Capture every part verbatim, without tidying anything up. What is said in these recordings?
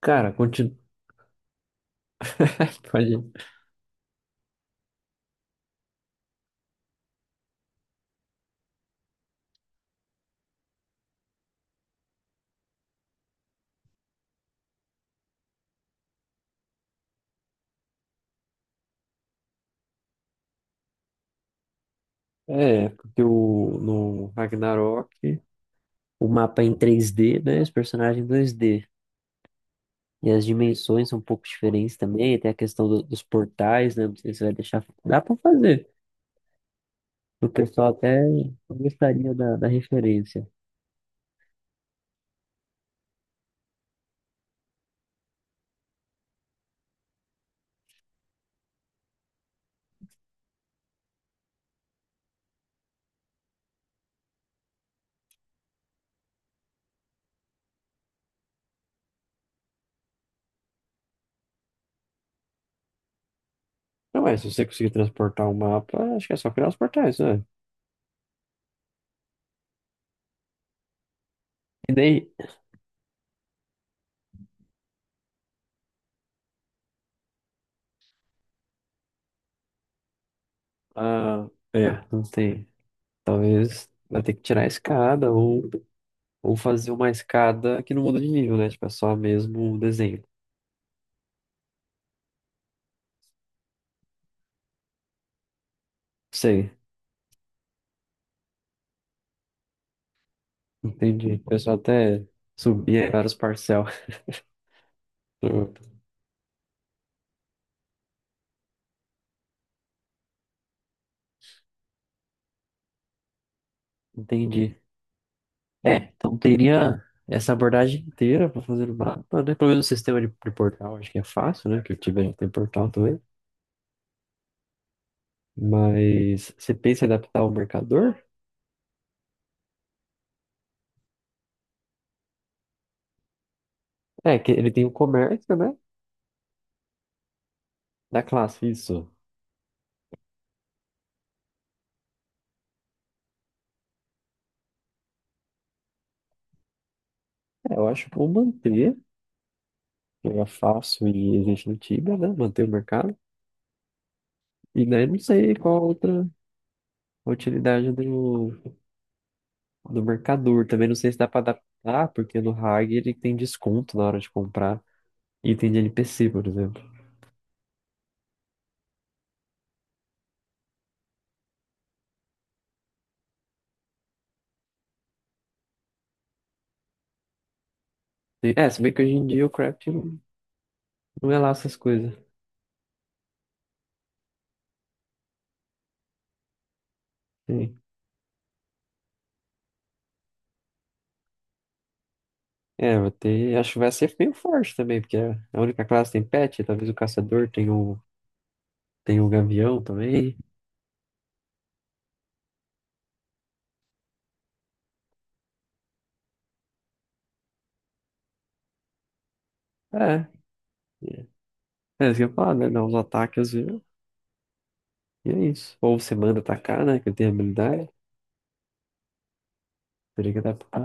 Cara, continua. Pode ir. É, porque o, no Ragnarok o mapa é em três D, né? Os personagens em dois D. E as dimensões são um pouco diferentes também. Tem a questão do- dos portais, né? Não sei se vai deixar. Dá pra fazer. O pessoal até gostaria da, da referência. Não, é? Se você conseguir transportar o mapa, acho que é só criar os portais, né? E daí. Ah, é, não sei. Talvez vai ter que tirar a escada ou Ou fazer uma escada que não muda de nível, né? Tipo, é só mesmo o desenho. Sei, entendi. O pessoal até subia vários parcel. Entendi. É, então teria essa abordagem inteira para fazer o mapa, né? Pelo menos o sistema de, de portal, acho que é fácil, né? Que eu tive já tem portal também. Mas você pensa em adaptar o mercador? É, que ele tem o comércio, né? Da classe, isso. É, eu acho que vou manter, que é fácil e existe no Tibia, né? Manter o mercado. E daí não sei qual outra a utilidade do, do mercador. Também não sei se dá para adaptar, porque no Hag ele tem desconto na hora de comprar item de N P C, por exemplo. E- É, se bem que hoje em dia o craft não, não é lá essas coisas. Sim. É, vai ter, acho que vai ser meio forte também, porque a a única classe tem pet, talvez o caçador tenha o, tenha o gavião também. É, é é isso que eu ia falar, né? Dá uns ataques e, e é isso. Ou você manda atacar, né? Que tem habilidade. Teria que adaptar.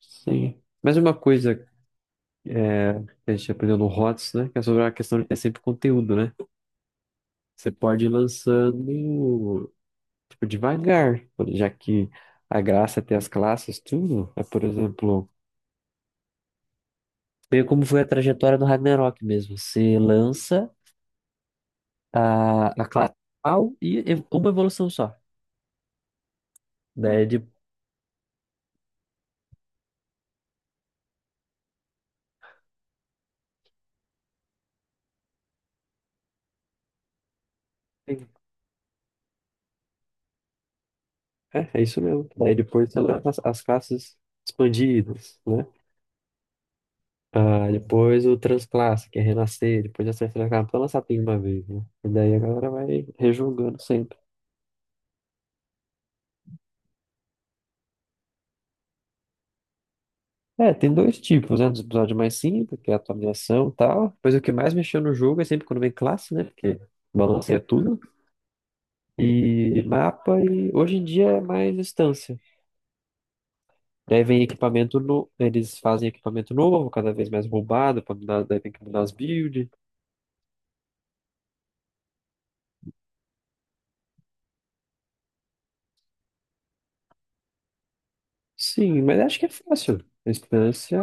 Sim. Mas uma coisa é, que a gente aprendeu no rots, né? Que é sobre a questão, é sempre conteúdo, né? Você pode ir lançando, tipo, devagar, já que a graça é ter as classes, tudo. É, por exemplo, meio como foi a trajetória do Ragnarok mesmo. Você lança a, a classe principal e ev- uma evolução só. Daí de... É, é isso mesmo. Daí depois você lança as as classes expandidas, né? Ah, depois o Transclasse, que é Renascer, depois a Serra Elétrica, pra lançar tudo de uma vez, né? E daí a galera vai rejogando sempre. É, tem dois tipos, né? Dos episódios mais simples, que é a atualização e tal. Depois o que mais mexeu no jogo é sempre quando vem classe, né? Porque balanceia tudo. E mapa, e hoje em dia é mais instância. Daí vem equipamento novo, eles fazem equipamento novo, cada vez mais roubado, pra mudar, daí tem que mudar as builds. Sim, mas acho que é fácil. A instância.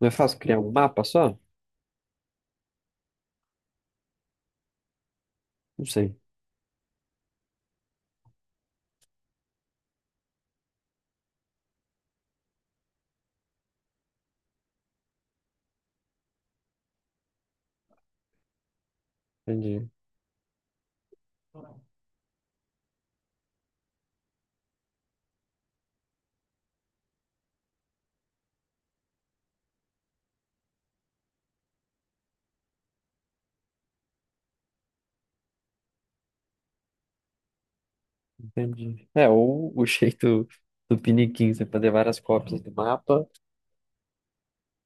Não é fácil criar um mapa só? Não sei. Entendi. Entendi. É, ou o jeito do Piniquim, você fazer várias cópias do mapa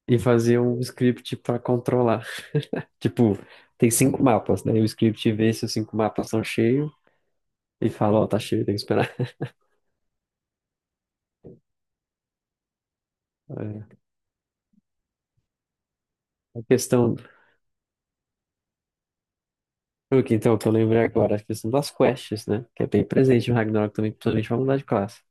e fazer um script para controlar. Tipo, tem cinco mapas, né? E o script vê se os cinco mapas estão cheios e fala, ó, tá cheio, tem que esperar. É. A questão, o que então, que eu lembrei agora, é a questão das quests, né? Que é bem presente no Ragnarok também, principalmente pra mudar de classe.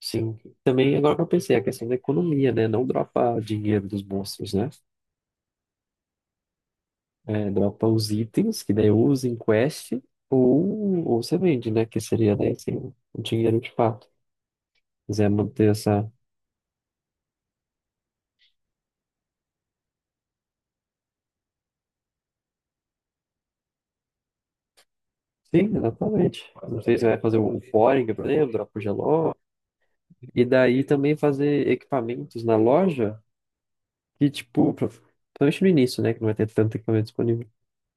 Sim. Também, agora que eu pensei, a questão da economia, né? Não dropar dinheiro dos monstros, né? É, dropa os itens, que daí ou usa em quest, ou, ou você vende, né? Que seria daí assim, o dinheiro de fato. Quiser manter essa. Sim, exatamente. Não sei se vai fazer o Poring, por exemplo, dropa o Geló. E daí também fazer equipamentos na loja, que tipo, pro- principalmente no início, né? Que não vai ter tanto equipamento disponível.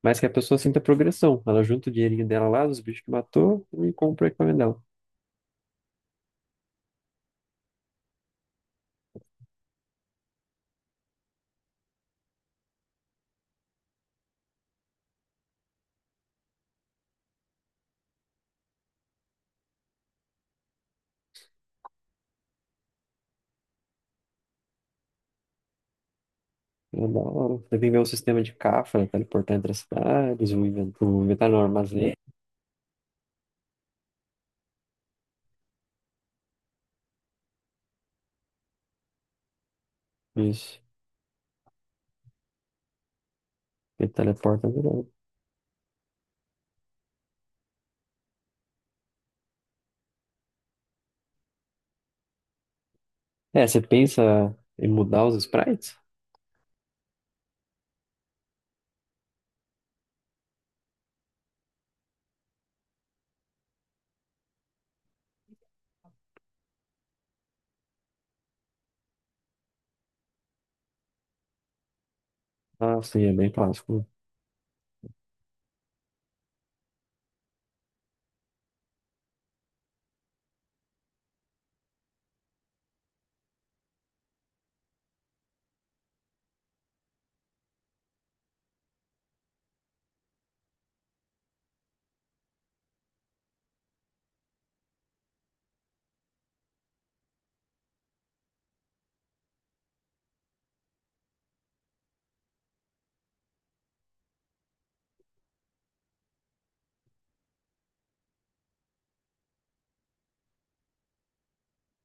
Mas que a pessoa sinta progressão. Ela junta o dinheirinho dela lá, dos bichos que matou, e compra o equipamento dela. É da hora. Você tem que ver o sistema de cafra, teleportar entre as cidades, o inven- o inventário no armazém. Isso. Ele teleporta direto. É, você pensa em mudar os sprites? Ah, sim, é bem clássico.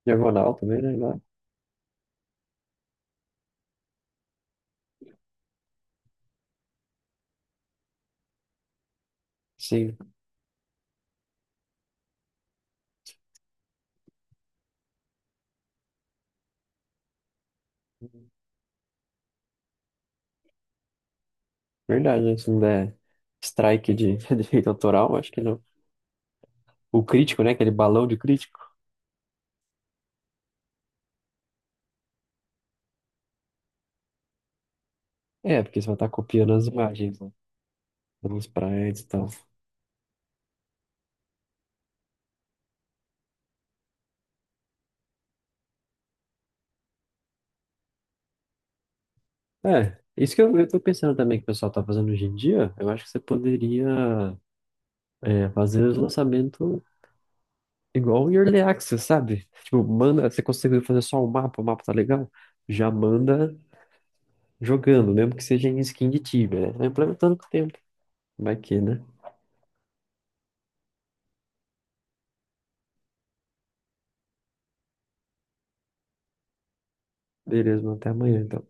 Diagonal também, né? Lá. Sim, verdade, né? Se não der strike de direito autoral, acho que não. O crítico, né? Aquele balão de crítico. É, porque você vai estar copiando as imagens, né? Os sprites e tal. É, isso que eu, eu tô pensando também que o pessoal tá fazendo hoje em dia, eu acho que você poderia é, fazer os lançamentos igual em Early Access, sabe? Tipo, manda, você conseguiu fazer só o mapa, o mapa tá legal, já manda jogando, mesmo que seja em skin de Tibia, né? Vai implementando com o tempo. Vai que, né? Beleza, mano, até amanhã, então.